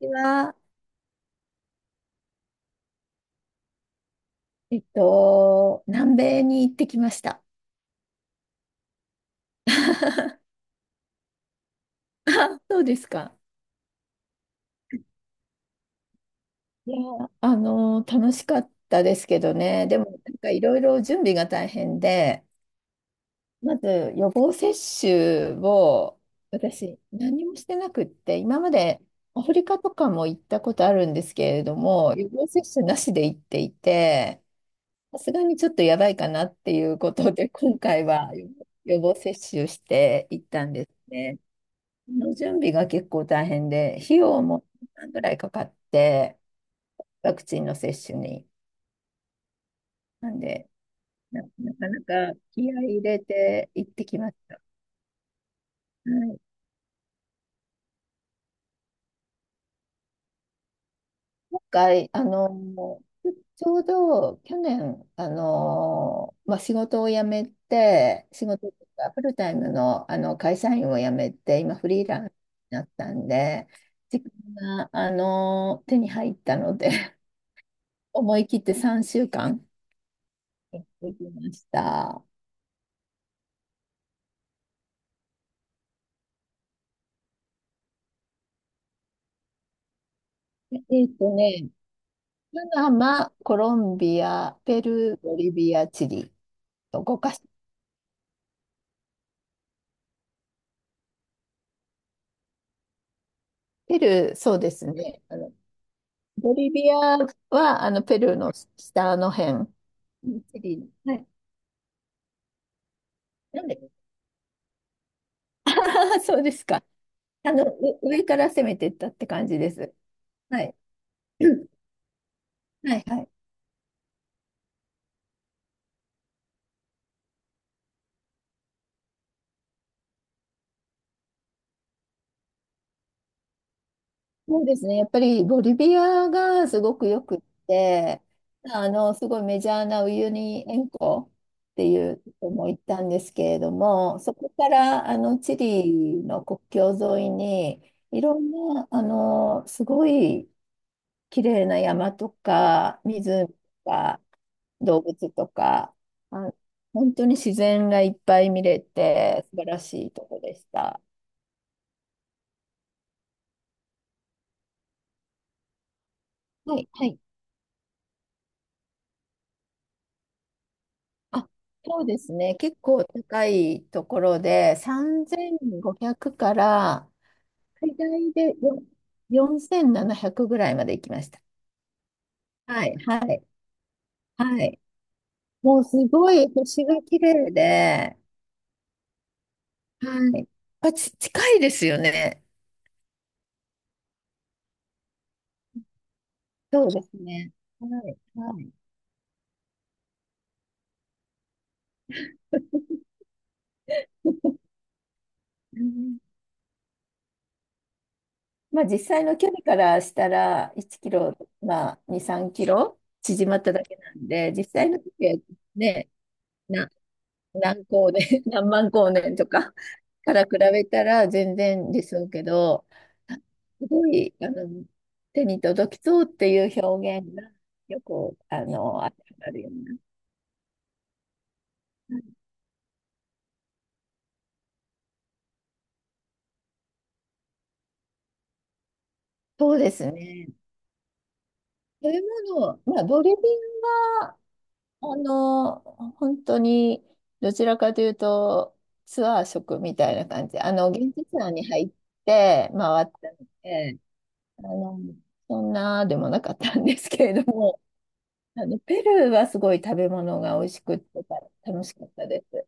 私は、南米に行ってきました。あ、そうですか。いや、楽しかったですけどね。でも、なんかいろいろ準備が大変で、まず予防接種を私、何もしてなくって、今までアフリカとかも行ったことあるんですけれども、予防接種なしで行っていて、さすがにちょっとやばいかなっていうことで、今回は予防接種して行ったんですね。の準備が結構大変で、費用も何ぐらいかかって、ワクチンの接種に。なんで、なかなか気合い入れて行ってきました。はい、今回、ちょうど去年、仕事を辞めて、仕事というかフルタイムの、あの会社員を辞めて、今フリーランスになったんで、時間が、手に入ったので、思い切って3週間行ってきました。ええっとね、パナマ、コロンビア、ペルー、ボリビア、チリと5かしペルー、そうですね。あの、ボリビアは、あの、ペルーの下の辺。チリ、はい。なんで あー、そうですか。上から攻めていったって感じです。はい。はい、はい。そうですね。やっぱりボリビアがすごくよくって、あの、すごいメジャーなウユニ塩湖っていうとこも行ったんですけれども、そこからあのチリの国境沿いに、いろんな、あの、すごい綺麗な山とか、湖とか、動物とか、あ、本当に自然がいっぱい見れて、素晴らしいとこでした。はい、はい。あ、そうですね。結構高いところで、3500から最大で4700ぐらいまで行きました。はい、はい、はい。もうすごい星が綺麗で、はい。近いですよね。そうですね。はい、はい。うん、まあ実際の距離からしたら1キロ、まあ2、3キロ縮まっただけなんで、実際の時はね、な、何光年、何万光年とかから比べたら全然ですけど、すごい、手に届きそうっていう表現がよく、あの、あるような。そうですね。そういうもの、まあ、ボリビアは、あの、本当に、どちらかというと、ツアー食みたいな感じ、あの、現地ツアーに入って回ったので、あの、そんなでもなかったんですけれども、あの、ペルーはすごい食べ物が美味しくって楽しかったです。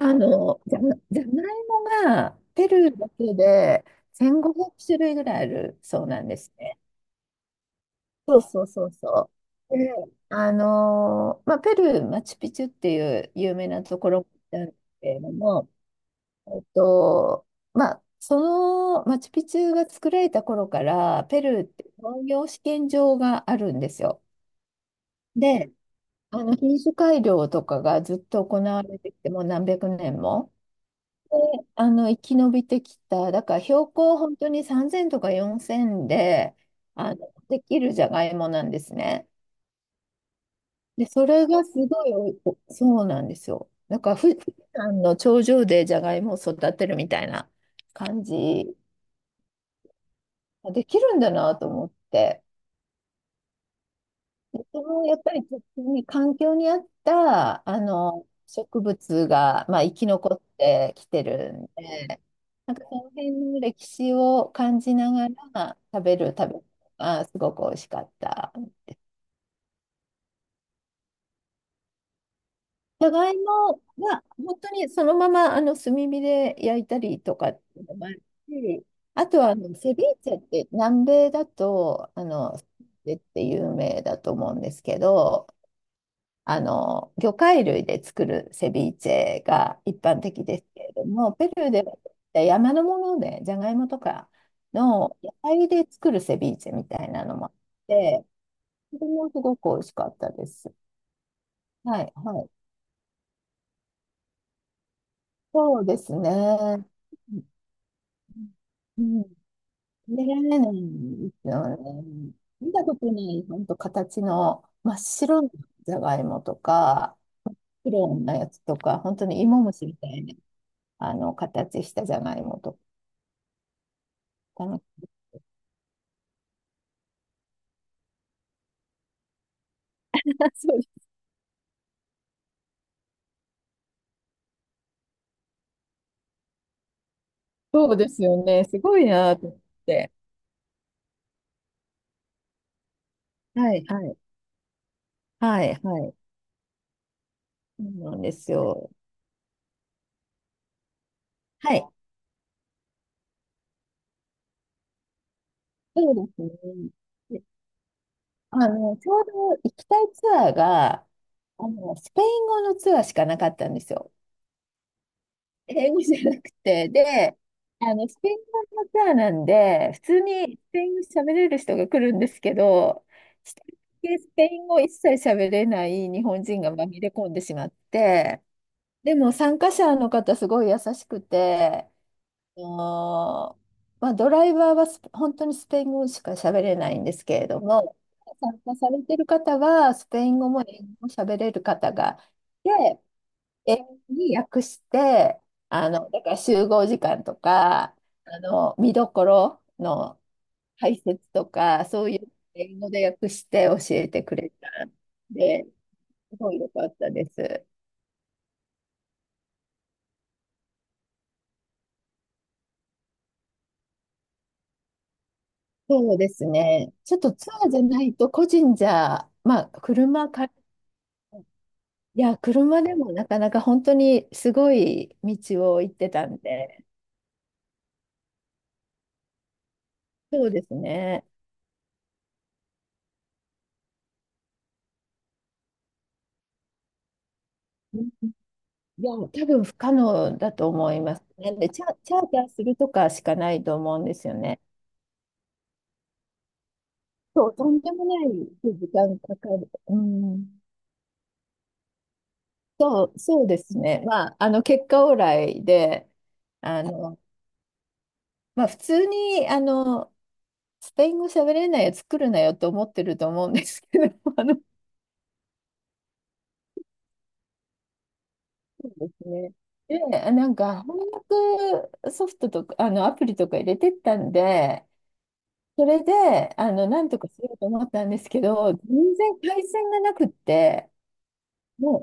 あの、じゃ、じゃがいもがペルーだけで1500種類ぐらいあるそうなんですね。そう。で、ペルー、マチュピチュっていう有名なところなんですけれども、えっと、そのマチュピチュが作られた頃から、ペルーって農業試験場があるんですよ。で、あの品種改良とかがずっと行われてきて、もう何百年も。で、あの生き延びてきた、だから標高本当に3000とか4000であのできるじゃがいもなんですね。で、それがすごいおそうなんですよ。なんか富士山の頂上でじゃがいもを育てるみたいな感じできるんだなと思って。そのやっぱりちょに環境に合ったあの植物が、まあ、生き残ってきてるんで、なんかその辺の歴史を感じながら食べる食べ物がすごく美味しかった。じゃがいもは本当にそのままあの炭火で焼いたりとかっていうのもあるし、あとはあのセビーチェって、南米だとあのセビーチェって有名だと思うんですけど、あの、魚介類で作るセビーチェが一般的ですけれども、ペルーでは山のもので、ジャガイモとかの野菜で作るセビーチェみたいなのもあって、それもすごく美味しかったです。はい、はい。そうですね。うん。食べられないんですよね。見たことない、本当形の真っ白なじゃがいもとか、黒のやつとか、本当に芋虫みたいあの、形したじゃがいもとかね。そう、そうですよね。すごいなと思って。はい、はい、はい、はい。そうなんですよ。はい。そうですね。で、あの、ちょうど行きたいツアーが、あの、スペイン語のツアーしかなかったんですよ。英語じゃなくて。で、あの、スペイン語のツアーなんで、普通にスペイン語喋れる人が来るんですけど、一人だけスペイン語一切喋れない日本人が紛れ込んでしまって、でも参加者の方すごい優しくて、あの、まあ、ドライバーは本当にスペイン語しか喋れないんですけれども、参加されてる方はスペイン語も英語も喋れる方がいて、英語に訳して、あの、だから集合時間とか、あの、見どころの解説とか、そういう英語で訳して教えてくれたんで、すごい良かったです。そうですね。ちょっとツアーじゃないと、個人じゃ、まあ、車か、いや、車でもなかなか本当にすごい道を行ってたんで、そうですね。うん、いや、多分不可能だと思いますね。で、チャーターするとかしかないと思うんですよね。そう、とんでもない時間かかる。うん。そうですね。まあ、あの、結果オーライで、あの、まあ、普通に、あの、スペイン語喋れないやつ来るなよと思ってると思うんですけど、あの、そうですね。で、なんか翻訳ソフトとか、あの、アプリとか入れてったんで、それで、あの、なんとかしようと思ったんですけど、全然回線がなくって、も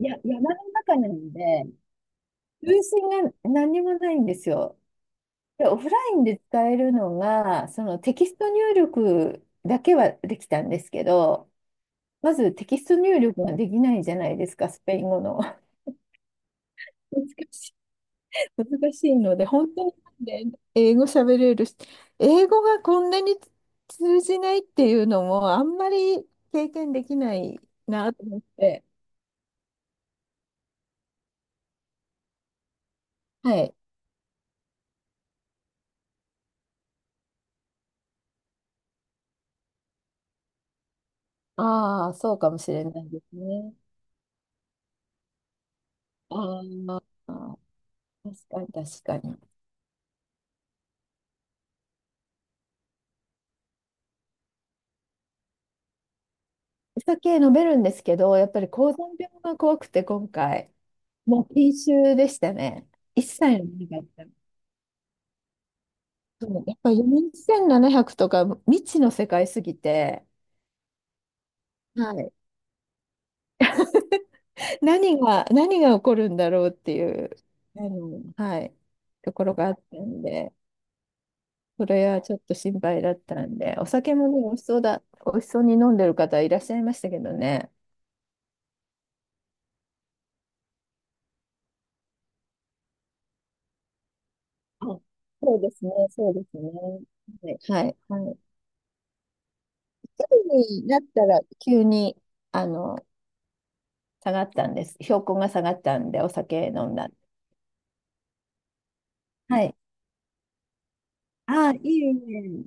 う、いや、山の中なんで、通信が何にもないんですよ。で、オフラインで使えるのが、そのテキスト入力だけはできたんですけど、まずテキスト入力ができないじゃないですか、スペイン語の。難し難しいので、本当になんで英語喋れるし、英語がこんなに通じないっていうのもあんまり経験できないなと思って、はい。ああ、そうかもしれないですね。ああ、確かに確かに。お酒飲めるんですけど、やっぱり高山病が怖くて今回、もう禁酒でしたね。一切飲めなかった。そうやっぱり4700とか未知の世界すぎて、はい。何が起こるんだろうっていう、あの、はい、ところがあったんで、それはちょっと心配だったんで、お酒もね、美味しそうに飲んでる方いらっしゃいましたけどね。あ、そうですね、そうですね。はい。はい、はい。一人になったら急に、あの、下がったんです。標高が下がったんで、お酒飲んだ。はい。ああ、いいね。